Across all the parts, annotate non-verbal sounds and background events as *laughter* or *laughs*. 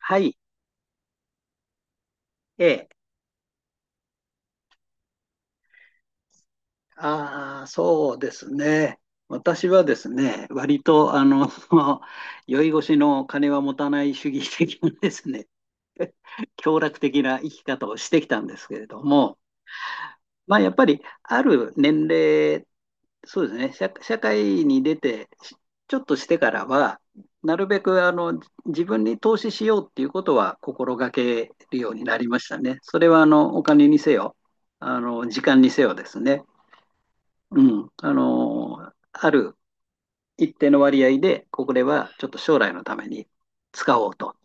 はい。ええ。ああ、そうですね。私はですね、割と、*laughs* 酔い越しの金は持たない主義的なですね、*laughs* 享楽的な生き方をしてきたんですけれども、まあ、やっぱり、ある年齢、そうですね、社会に出て、ちょっとしてからは、なるべく、自分に投資しようっていうことは心がけるようになりましたね。それは、お金にせよ、時間にせよですね。ある一定の割合で、これはちょっと将来のために使おうと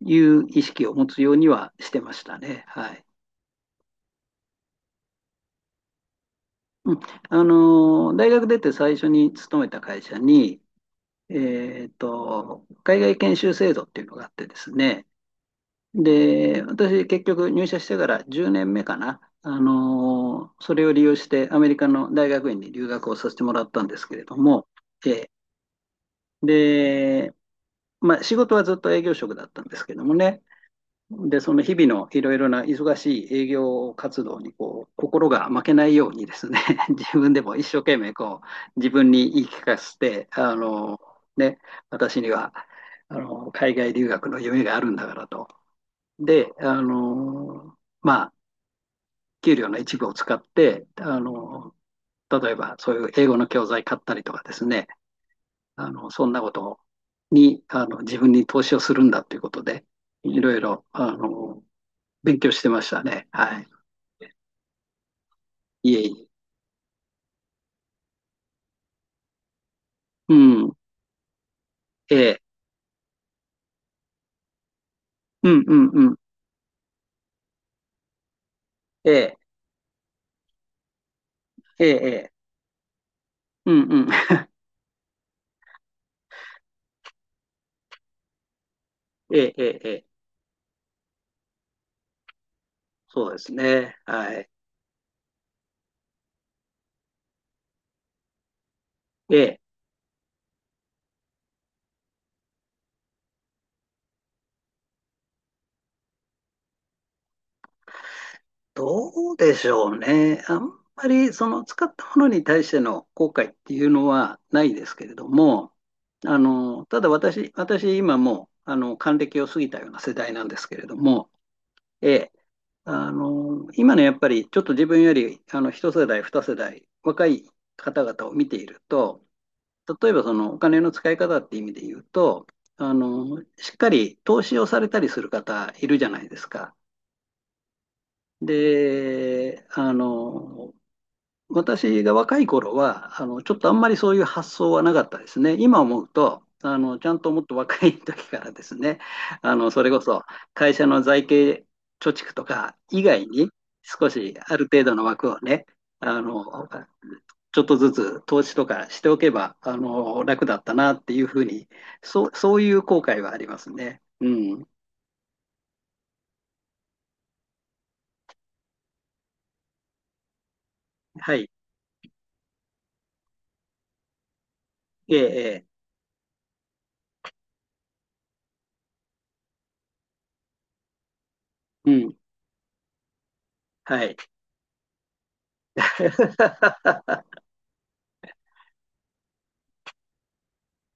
いう意識を持つようにはしてましたね。はい。うん、大学出て最初に勤めた会社に、海外研修制度っていうのがあってですね。で、私結局入社してから10年目かな。それを利用してアメリカの大学院に留学をさせてもらったんですけれども、えーで、まあ、仕事はずっと営業職だったんですけどもね。で、その日々のいろいろな忙しい営業活動にこう心が負けないようにですね、*laughs* 自分でも一生懸命こう自分に言い聞かせて、ね、私には海外留学の夢があるんだからと。で、あのまあ、給料の一部を使って、例えばそういう英語の教材買ったりとかですね、そんなことに、自分に投資をするんだということで、いろいろ、勉強してましたね。はい。いえいえ。うん。ええ。うんうんうん。ええ。ええ。ええうんうん。ええ。ええ。ええそうですね。はい。ええ。どうでしょうね。あんまり、その、使ったものに対しての後悔っていうのはないですけれども、ただ私、今もう、還暦を過ぎたような世代なんですけれども、ええ、今のやっぱりちょっと自分より一世代、二世代若い方々を見ていると、例えばそのお金の使い方って意味で言うと、しっかり投資をされたりする方いるじゃないですか。で、あの、私が若い頃は、ちょっとあんまりそういう発想はなかったですね。今思うと、ちゃんともっと若い時からですね、それこそ会社の財形貯蓄とか以外に少しある程度の枠をね、あの、ちょっとずつ投資とかしておけば、楽だったなっていうふうに、そういう後悔はありますね。うん。はい。ええ、ええうん。はい。*laughs*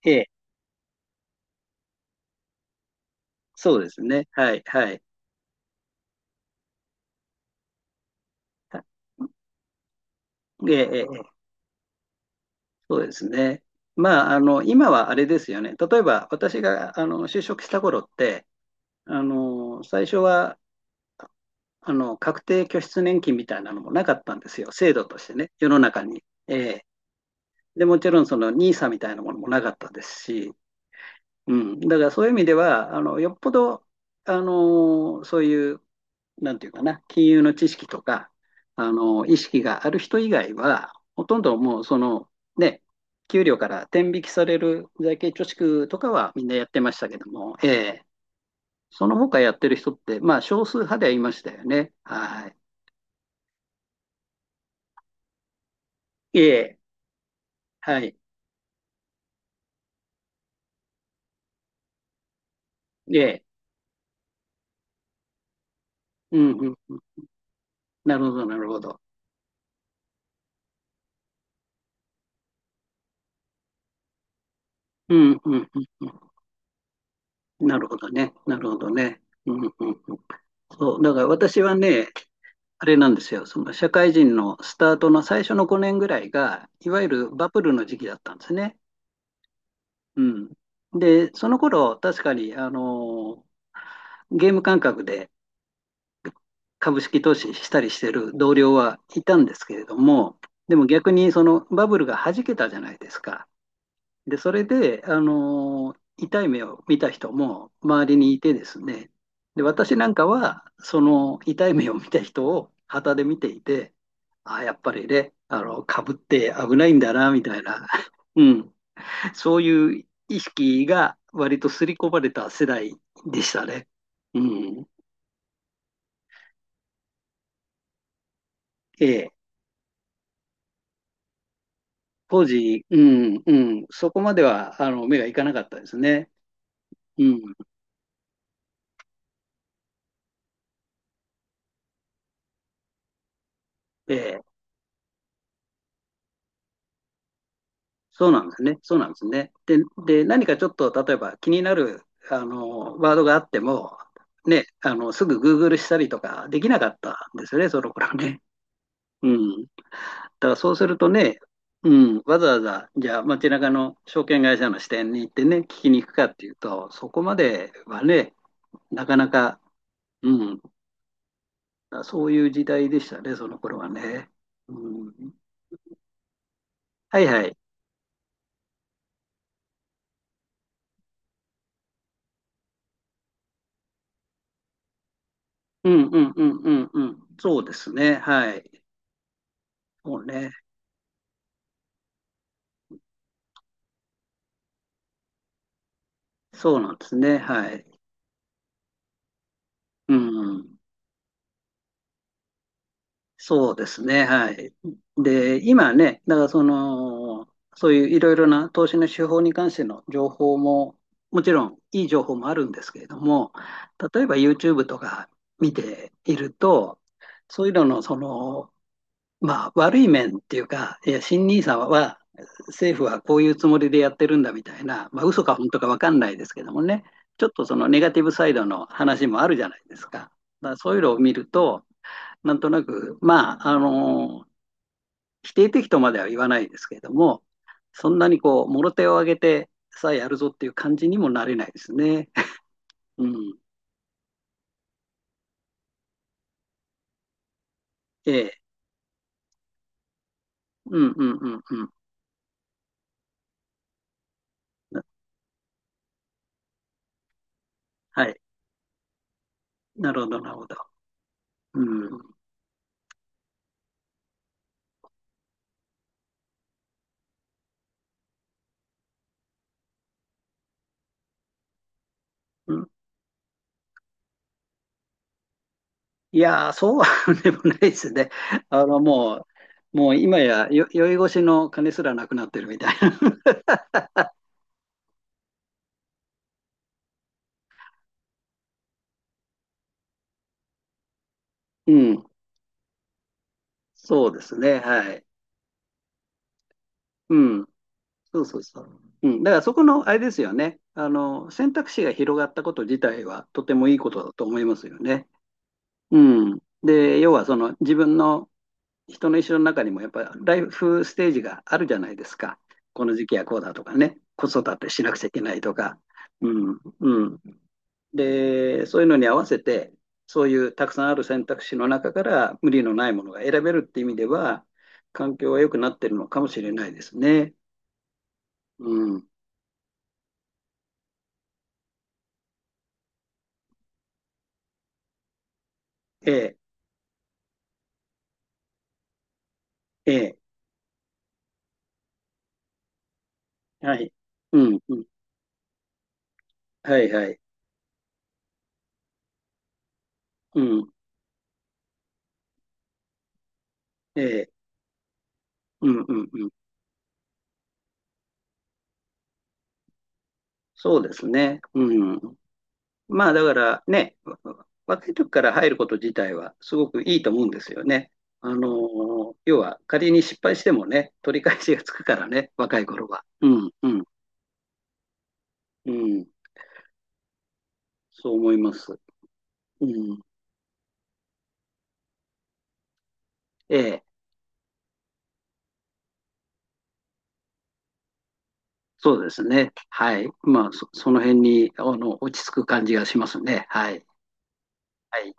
ええ、そうですね。はい、はい。ええ、そうですね。まあ、今はあれですよね。例えば、私が、就職した頃って、あの、最初は、あの、確定拠出年金みたいなのもなかったんですよ。制度としてね、世の中に。ええで、もちろん、その、n i s みたいなものもなかったですし、うん。だから、そういう意味では、よっぽど、あの、そういうなんていうかな、金融の知識とか、意識がある人以外は、ほとんどもうその、ね、給料から天引きされる財形貯蓄とかはみんなやってましたけども、ええその他やってる人って、まあ少数派ではいましたよね。はい。ええ、はい。ええ、うんうん。なるほど、なるほど。うんうんうんうん。なるほどね。なるほどね。うんうんうん。そう、だから私はね、あれなんですよ、その社会人のスタートの最初の5年ぐらいが、いわゆるバブルの時期だったんですね。うん、で、その頃確かにゲーム感覚で株式投資したりしてる同僚はいたんですけれども、でも逆にそのバブルが弾けたじゃないですか。で、それで、痛い目を見た人も周りにいてですね、で、私なんかは、その痛い目を見た人を旗で見ていて、あ、やっぱりね、かぶって危ないんだな、みたいな、*laughs* うん、そういう意識が割と刷り込まれた世代でしたね。うん、ええ、当時、うん、うん、そこまでは、目がいかなかったですね。うん、ええ。そうなんですね。そうなんですね。で、何かちょっと、例えば気になる、ワードがあっても、ね、すぐ Google したりとかできなかったんですよね、その頃ね。うん。だからそうするとね、うん、わざわざ、じゃあ街中の証券会社の支店に行ってね、聞きに行くかっていうと、そこまではね、なかなか、うん、そういう時代でしたね、その頃はね。うん、はいはい。うんうんうんうんうん。そうですね。はい。そうね。そうなんですね。はい。うん。そうですね。はい。で、今ね、だからその、そういういろいろな投資の手法に関しての情報も、もちろんいい情報もあるんですけれども、例えば YouTube とか見ていると、そういうののそのまあ、悪い面っていうか、いや、新 n i は、政府はこういうつもりでやってるんだみたいな、まあ、嘘か本当か分かんないですけどもね、ちょっとそのネガティブサイドの話もあるじゃないですか。だからそういうのを見ると、なんとなく、まあ、否定的とまでは言わないですけれども、そんなにこう、もろ手を挙げてさあやるぞっていう感じにもなれないですね。*laughs* うん。ええ。うんうんうんうん。はい。なるほど、なるほど。うん。ういやー、そうは *laughs* でもないですね。あの、もう、もう今や酔い越しの金すらなくなってるみたいな。*laughs* うん。そうですね。はい。うん。そうそうそう。うん。だからそこの、あれですよね。選択肢が広がったこと自体はとてもいいことだと思いますよね。うん。で、要はその自分の人の一生の中にもやっぱりライフステージがあるじゃないですか。この時期はこうだとかね。子育てしなくちゃいけないとか。うん。うん。で、そういうのに合わせて、そういうたくさんある選択肢の中から無理のないものが選べるって意味では、環境は良くなってるのかもしれないですね。うん。ええ、ええ、はい。うん、うん。はいはい。うん、ええ、うん、うん、うん。そうですね。うん。まあだからね、若い時から入ること自体はすごくいいと思うんですよね。あのー要は仮に失敗してもね、取り返しがつくからね、若い頃は。うん、うん、うん。そう思います。うん、ええ、そうですね。はい。まあ、その辺に、落ち着く感じがしますね。はい。はい。